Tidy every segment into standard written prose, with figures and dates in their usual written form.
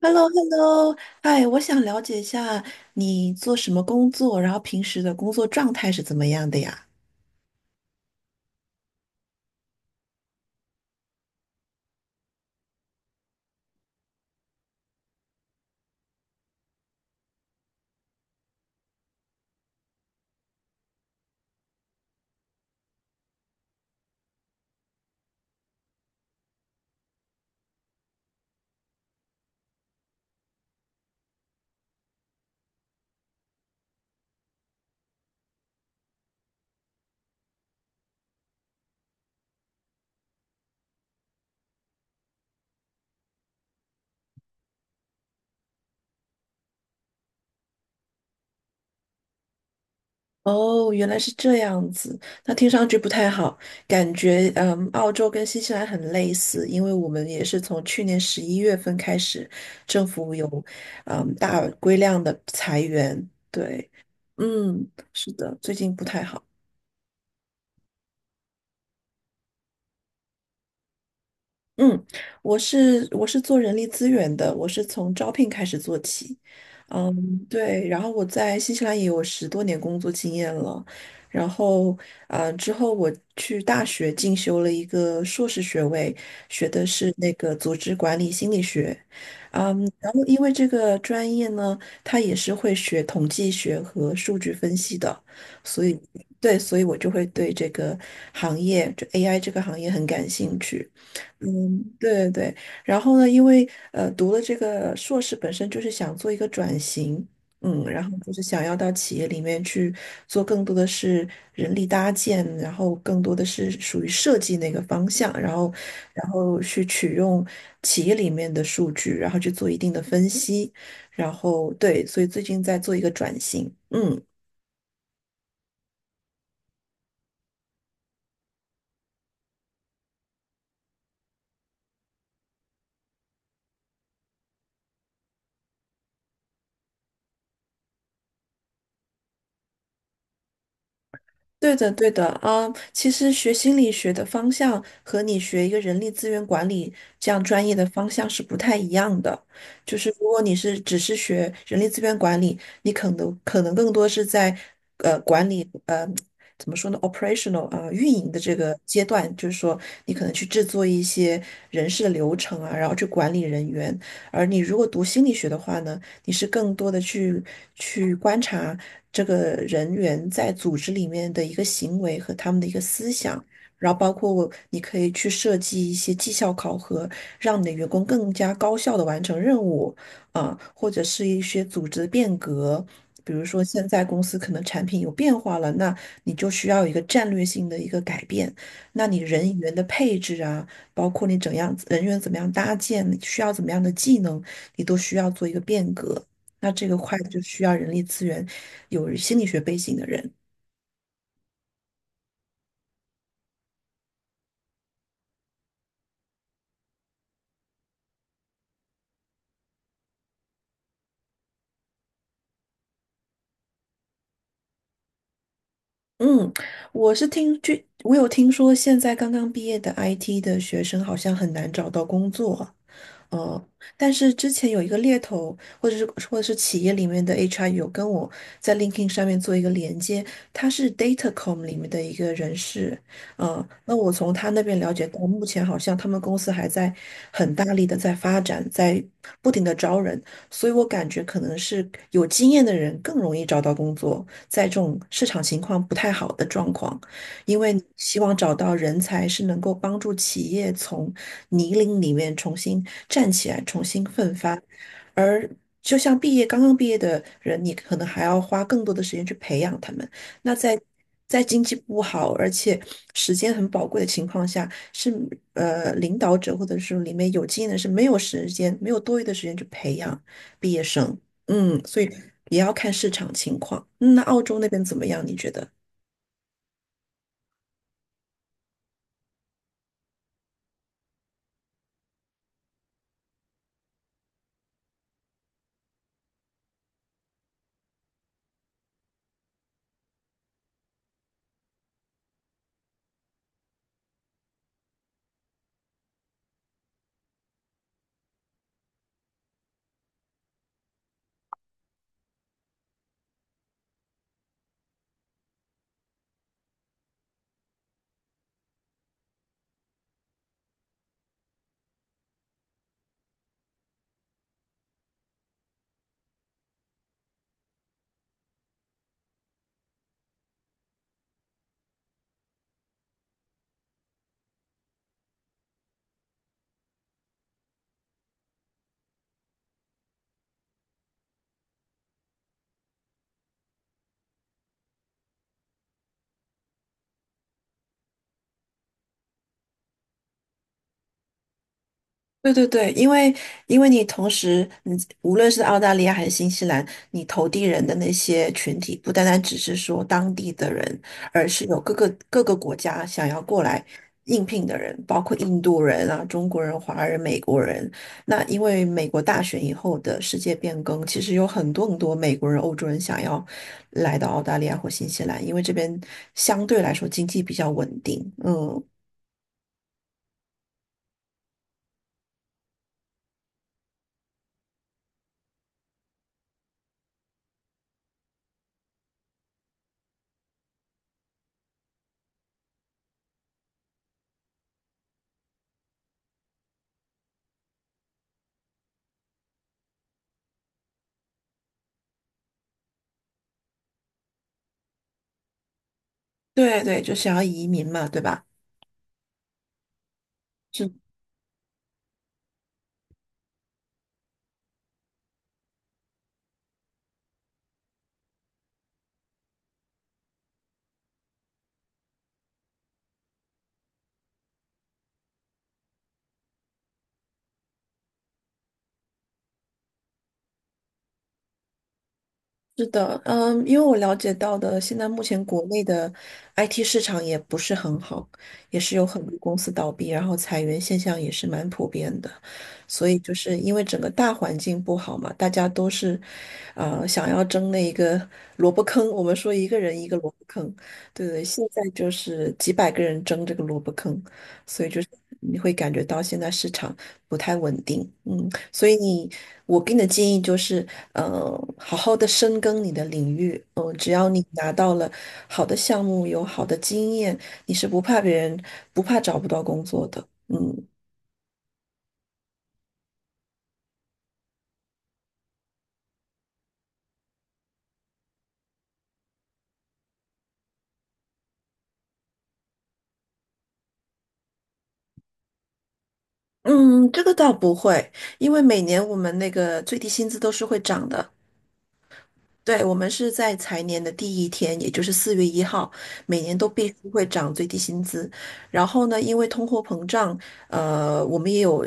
h e l l o h e l l o 哎，我想了解一下你做什么工作，然后平时的工作状态是怎么样的呀？哦，原来是这样子，那听上去不太好，感觉澳洲跟新西兰很类似，因为我们也是从去年11月份开始，政府有大规量的裁员，对，嗯，是的，最近不太好。嗯，我是做人力资源的，我是从招聘开始做起。嗯，对，然后我在新西兰也有10多年工作经验了，然后之后我去大学进修了一个硕士学位，学的是那个组织管理心理学。然后因为这个专业呢，它也是会学统计学和数据分析的，所以对，所以我就会对这个行业，就 AI 这个行业很感兴趣。对对，然后呢，因为读了这个硕士，本身就是想做一个转型，然后就是想要到企业里面去做更多的是人力搭建，然后更多的是属于设计那个方向，然后去取用企业里面的数据，然后去做一定的分析，然后对，所以最近在做一个转型，嗯。对的，对的啊，其实学心理学的方向和你学一个人力资源管理这样专业的方向是不太一样的。就是如果你是只是学人力资源管理，你可能更多是在管理怎么说呢，operational 啊、运营的这个阶段，就是说你可能去制作一些人事的流程啊，然后去管理人员。而你如果读心理学的话呢？你是更多的去观察这个人员在组织里面的一个行为和他们的一个思想，然后包括你可以去设计一些绩效考核，让你的员工更加高效的完成任务啊，或者是一些组织的变革。比如说，现在公司可能产品有变化了，那你就需要一个战略性的一个改变。那你人员的配置啊，包括你怎样人员怎么样搭建，你需要怎么样的技能，你都需要做一个变革。那这个块就需要人力资源有心理学背景的人。嗯，我是听据我有听说，现在刚刚毕业的 IT 的学生好像很难找到工作。呃，但是之前有一个猎头，或者是或者是企业里面的 HR 有跟我在 LinkedIn 上面做一个连接，他是 Datacom 里面的一个人事，那我从他那边了解到，目前好像他们公司还在很大力的在发展，在不停的招人，所以我感觉可能是有经验的人更容易找到工作，在这种市场情况不太好的状况，因为希望找到人才是能够帮助企业从泥泞里面重新站起来，重新奋发。而就像毕业刚刚毕业的人，你可能还要花更多的时间去培养他们。那在经济不好，而且时间很宝贵的情况下，是领导者或者是里面有经验的是没有时间，没有多余的时间去培养毕业生。所以也要看市场情况。嗯那澳洲那边怎么样？你觉得？对对对，因为你同时，你无论是澳大利亚还是新西兰，你投递人的那些群体，不单单只是说当地的人，而是有各个各个国家想要过来应聘的人，包括印度人啊、中国人、华人、美国人。那因为美国大选以后的世界变更，其实有很多很多美国人、欧洲人想要来到澳大利亚或新西兰，因为这边相对来说经济比较稳定。嗯，对对，就想要移民嘛，对吧？就。是的，因为我了解到的，现在目前国内的 IT 市场也不是很好，也是有很多公司倒闭，然后裁员现象也是蛮普遍的，所以就是因为整个大环境不好嘛，大家都是，想要争那一个萝卜坑，我们说一个人一个萝卜坑，对对，现在就是几百个人争这个萝卜坑，所以就是你会感觉到现在市场不太稳定，嗯。所以你，我给你的建议就是，呃，好好的深耕你的领域，只要你拿到了好的项目，有好的经验，你是不怕别人，不怕找不到工作的，嗯。嗯，这个倒不会，因为每年我们那个最低薪资都是会涨的，对，我们是在财年的第一天，也就是4月1号，每年都必须会涨最低薪资。然后呢，因为通货膨胀，我们也有，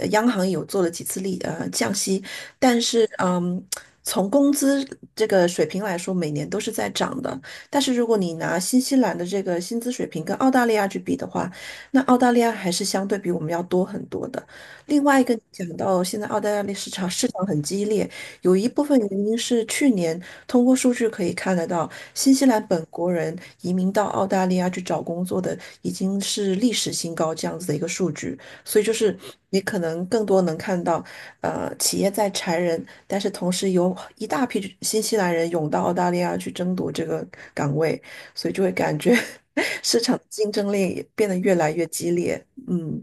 央行也有做了几次降息，但是从工资这个水平来说，每年都是在涨的。但是如果你拿新西兰的这个薪资水平跟澳大利亚去比的话，那澳大利亚还是相对比我们要多很多的。另外一个讲到现在澳大利亚的市场很激烈。有一部分原因是去年通过数据可以看得到，新西兰本国人移民到澳大利亚去找工作的已经是历史新高这样子的一个数据，所以就是你可能更多能看到，企业在裁人，但是同时有一大批新西兰人涌到澳大利亚去争夺这个岗位，所以就会感觉 市场竞争力也变得越来越激烈，嗯。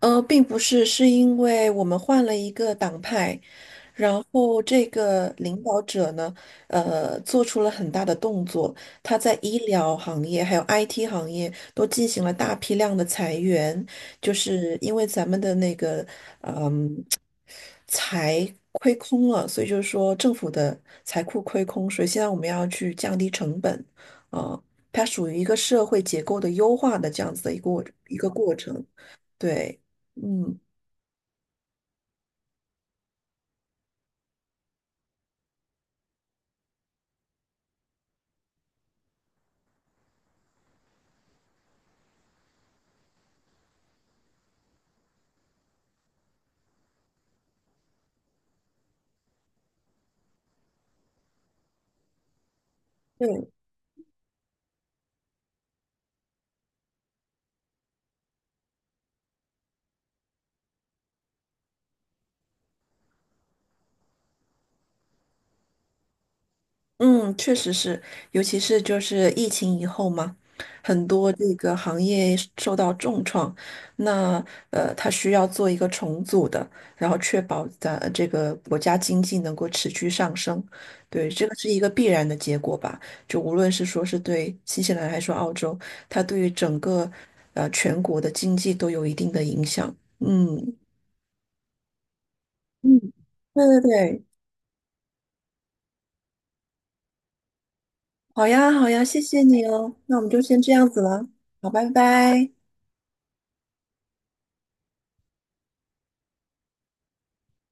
并不是，是因为我们换了一个党派，然后这个领导者呢，做出了很大的动作，他在医疗行业还有 IT 行业都进行了大批量的裁员，就是因为咱们的那个财亏空了，所以就是说政府的财库亏空，所以现在我们要去降低成本，啊、它属于一个社会结构的优化的这样子的一个过程，对，嗯。对。嗯，确实是，尤其是就是疫情以后嘛，很多这个行业受到重创，那它需要做一个重组的，然后确保咱这个国家经济能够持续上升，对，这个是一个必然的结果吧。就无论是说是对新西兰还是说澳洲，它对于整个全国的经济都有一定的影响。嗯嗯，对对对，好呀好呀，谢谢你哦，那我们就先这样子了，好，拜拜。